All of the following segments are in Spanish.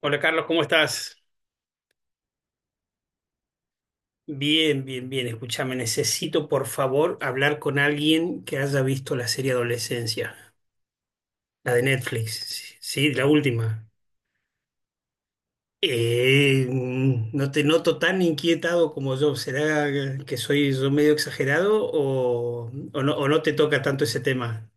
Hola Carlos, ¿cómo estás? Bien, bien, bien. Escúchame, necesito por favor hablar con alguien que haya visto la serie Adolescencia, la de Netflix, sí, la última. No te noto tan inquietado como yo. ¿Será que soy yo medio exagerado o no te toca tanto ese tema?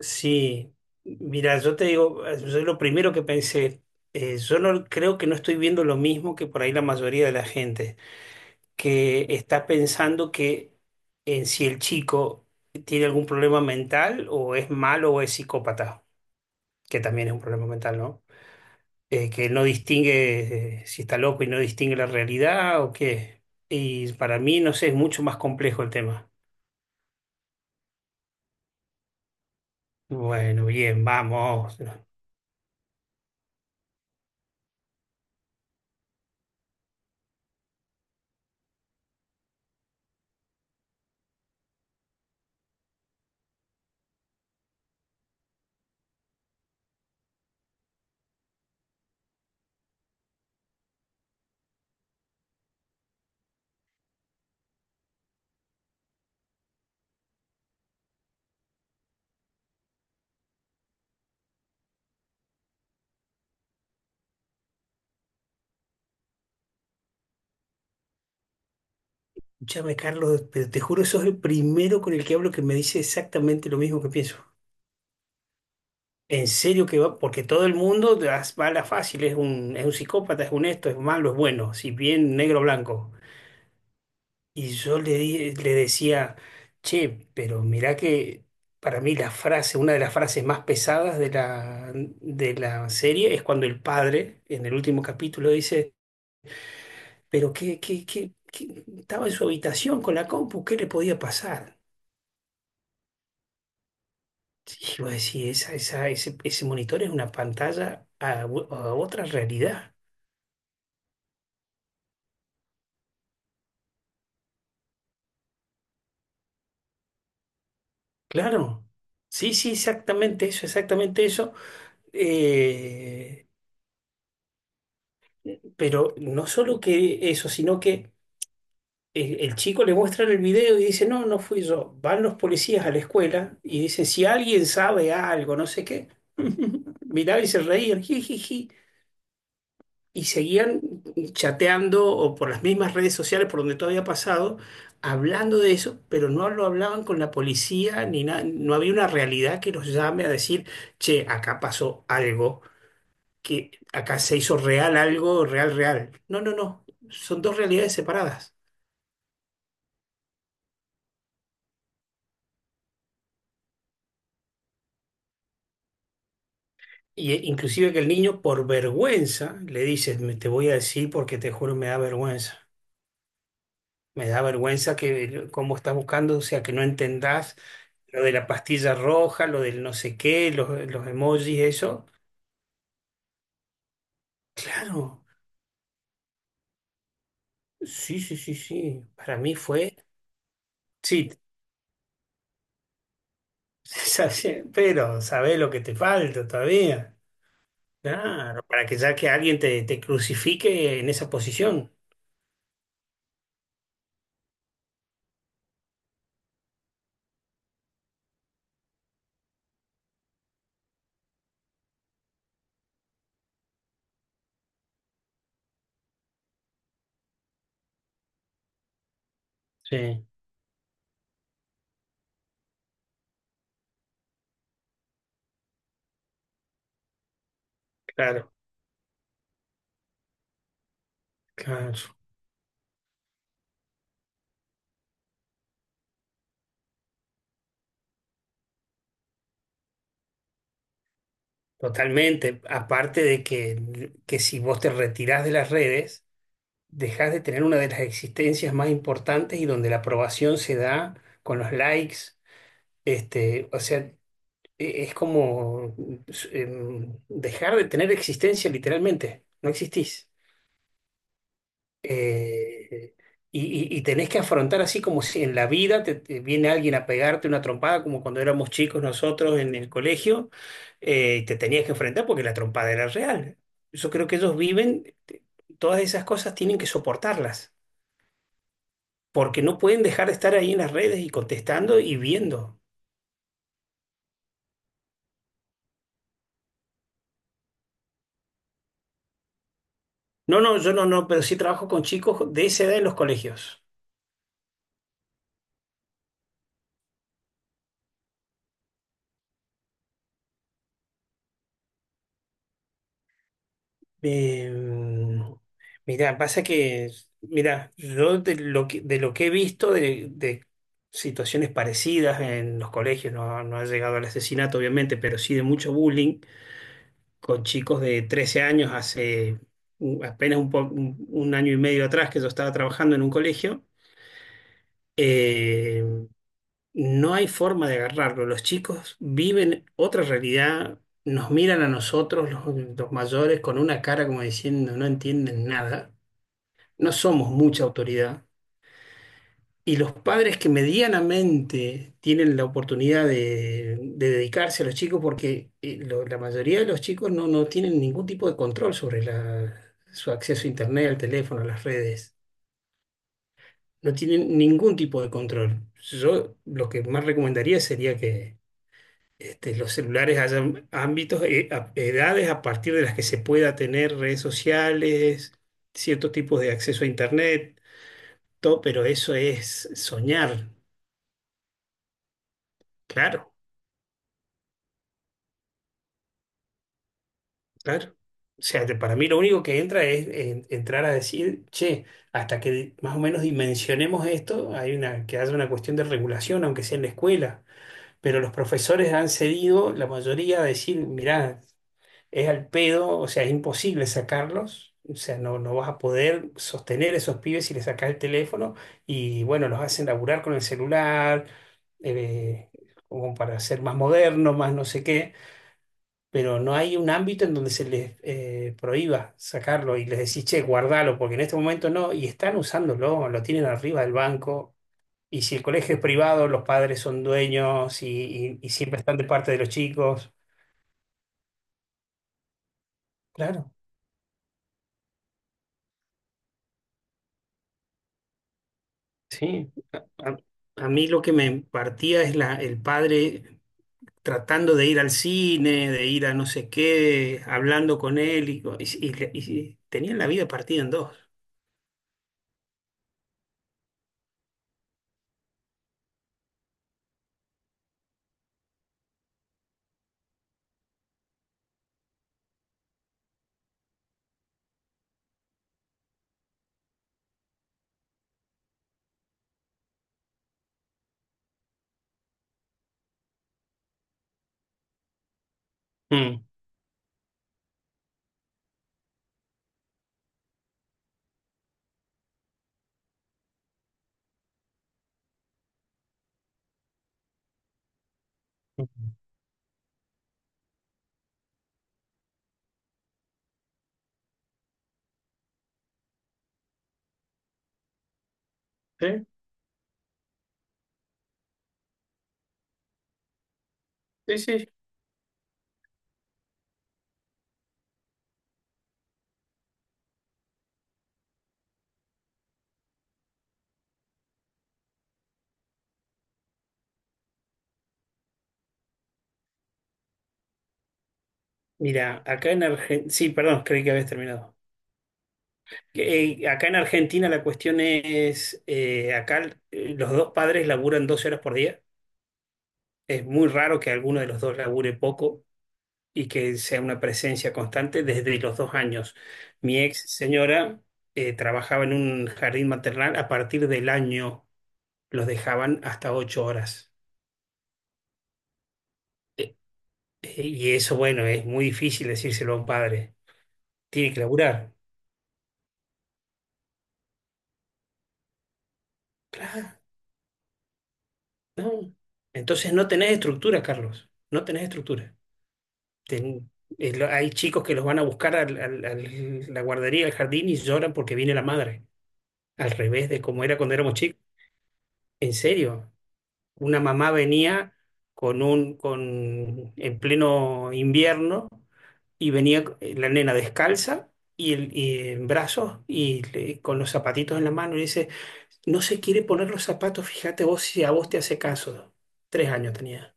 Sí, mira, yo te digo, yo lo primero que pensé, yo no creo que no estoy viendo lo mismo que por ahí la mayoría de la gente, que está pensando que en si el chico tiene algún problema mental o es malo o es psicópata, que también es un problema mental, ¿no? Que no distingue si está loco y no distingue la realidad o qué. Y para mí, no sé, es mucho más complejo el tema. Bueno, bien, vamos. Escúchame, Carlos, pero te juro, sos el primero con el que hablo que me dice exactamente lo mismo que pienso. En serio que va, porque todo el mundo va a la fácil, es un psicópata, es un esto, es malo, es bueno, si bien negro o blanco. Y yo le decía, che, pero mirá que para mí la frase, una de las frases más pesadas de de la serie es cuando el padre, en el último capítulo, dice, pero estaba en su habitación con la compu, ¿qué le podía pasar? Y vos decís, ese monitor es una pantalla a a otra realidad. Claro, sí, sí, exactamente eso, exactamente eso. Eh, pero no solo que eso, sino que el chico le muestra el video y dice, no, no fui yo. Van los policías a la escuela y dicen, si alguien sabe algo, no sé qué, miraba y se reían, jijiji, y seguían chateando o por las mismas redes sociales por donde todo había pasado, hablando de eso, pero no lo hablaban con la policía ni nada, no había una realidad que los llame a decir che, acá pasó algo, que acá se hizo real algo, real, real. No, no, no, son dos realidades separadas. Y inclusive que el niño por vergüenza le dice, "Me- te voy a decir porque te juro me da vergüenza. Me da vergüenza que cómo estás buscando, o sea, que no entendás lo de la pastilla roja, lo del no sé qué, los emojis, eso. Claro, sí, sí, sí, sí. Para mí fue, sí, pero sabés lo que te falta todavía. Claro, para que ya que alguien te crucifique en esa posición. Sí, claro, claro, totalmente. Aparte de que si vos te retirás de las redes, dejás de tener una de las existencias más importantes y donde la aprobación se da con los likes. Este, o sea, es como dejar de tener existencia literalmente. No existís. Eh, y, y tenés que afrontar así como si en la vida te viene alguien a pegarte una trompada, como cuando éramos chicos nosotros en el colegio, y te tenías que enfrentar porque la trompada era real. Yo creo que ellos viven, todas esas cosas tienen que soportarlas, porque no pueden dejar de estar ahí en las redes y contestando y viendo. No, no, yo no, pero sí trabajo con chicos de esa edad en los colegios. Eh, Mirá, pasa que, mira, yo de lo que he visto de situaciones parecidas en los colegios, no, no ha llegado al asesinato, obviamente, pero sí de mucho bullying con chicos de 13 años hace apenas 1 año y medio atrás que yo estaba trabajando en un colegio. eh, no hay forma de agarrarlo. Los chicos viven otra realidad, nos miran a nosotros, los mayores, con una cara como diciendo no entienden nada, no somos mucha autoridad, y los padres que medianamente tienen la oportunidad de dedicarse a los chicos, porque la mayoría de los chicos no tienen ningún tipo de control sobre su acceso a internet, al teléfono, a las redes. No tienen ningún tipo de control. Yo lo que más recomendaría sería que este, los celulares hayan ámbitos, edades a partir de las que se pueda tener redes sociales, ciertos tipos de acceso a internet pero eso es soñar, claro, claro. O sea, que para mí lo único que entra es entrar a decir, che, hasta que más o menos dimensionemos esto, hay una, que haya una cuestión de regulación, aunque sea en la escuela, pero los profesores han cedido, la mayoría, a decir, mirá, es al pedo, o sea, es imposible sacarlos, o sea, no, no vas a poder sostener esos pibes si les sacas el teléfono, y bueno, los hacen laburar con el celular, eh, como para ser más modernos, más no sé qué, pero no hay un ámbito en donde se les prohíba sacarlo y les decís, che, guardalo, porque en este momento no, y están usándolo, lo tienen arriba del banco. Y si el colegio es privado, los padres son dueños y siempre están de parte de los chicos. Claro, sí. A, a mí lo que me partía es el padre tratando de ir al cine, de ir a no sé qué, hablando con él y tenían la vida partida en dos. Mm. Sí, sí, sí. Mira, acá en Argentina, sí, perdón, creí que habías terminado. Que, acá en Argentina la cuestión es, acá los dos padres laburan 12 horas por día. Es muy raro que alguno de los dos labure poco, y que sea una presencia constante desde los 2 años. Mi ex señora trabajaba en un jardín maternal, a partir del año los dejaban hasta 8 horas. Eh, y eso, bueno, es muy difícil decírselo a un padre. Tiene que laburar. Claro, no. Entonces no tenés estructura, Carlos. No tenés estructura. Ten- Hay chicos que los van a buscar la guardería, al jardín, y lloran porque viene la madre. Al revés de como era cuando éramos chicos. En serio. Una mamá venía con, en pleno invierno, y venía la nena descalza y en brazos con los zapatitos en la mano, y dice, no se quiere poner los zapatos, fíjate vos si a vos te hace caso. 3 años tenía.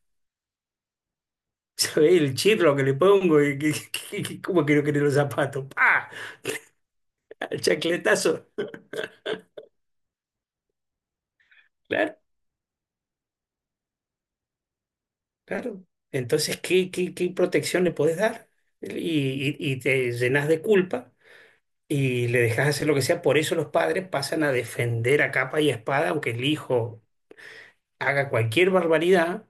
¿Sabés el chirlo que le pongo? ¿Cómo quiero querer los zapatos? ¡Pah! El chacletazo. Claro, claro. Entonces, qué protección le podés dar? Y, y te llenas de culpa y le dejas hacer lo que sea. Por eso los padres pasan a defender a capa y espada, aunque el hijo haga cualquier barbaridad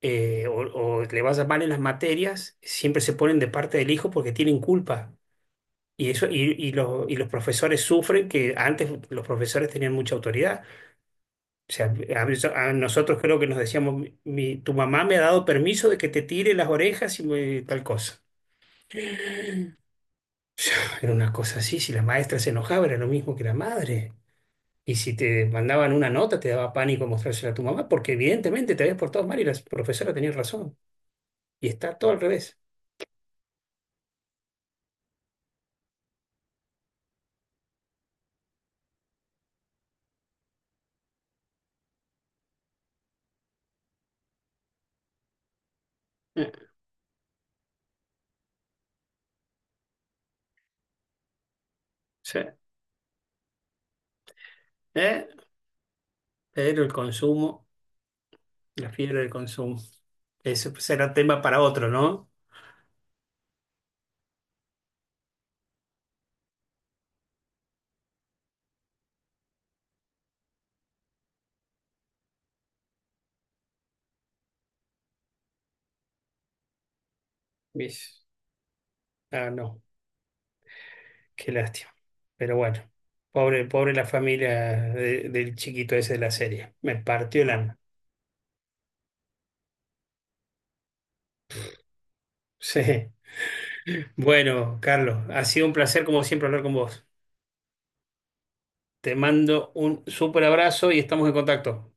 eh, o, o le vaya mal en las materias, siempre se ponen de parte del hijo porque tienen culpa. Y eso, y y los profesores sufren, que antes los profesores tenían mucha autoridad. O sea, a nosotros creo que nos decíamos, Tu mamá me ha dado permiso de que te tire las orejas tal cosa. Era una cosa así, si la maestra se enojaba, era lo mismo que la madre. Y si te mandaban una nota, te daba pánico mostrársela a tu mamá, porque evidentemente te habías portado mal y la profesora tenía razón. Y está todo al revés. Eh, sí. Eh, pero el consumo, la fiebre del consumo, eso será tema para otro, ¿no? ¿Ves? Ah, no, qué lástima. Pero bueno, pobre, pobre la familia del chiquito ese de la serie. Me partió el alma. Sí. Bueno, Carlos, ha sido un placer como siempre hablar con vos. Te mando un súper abrazo y estamos en contacto.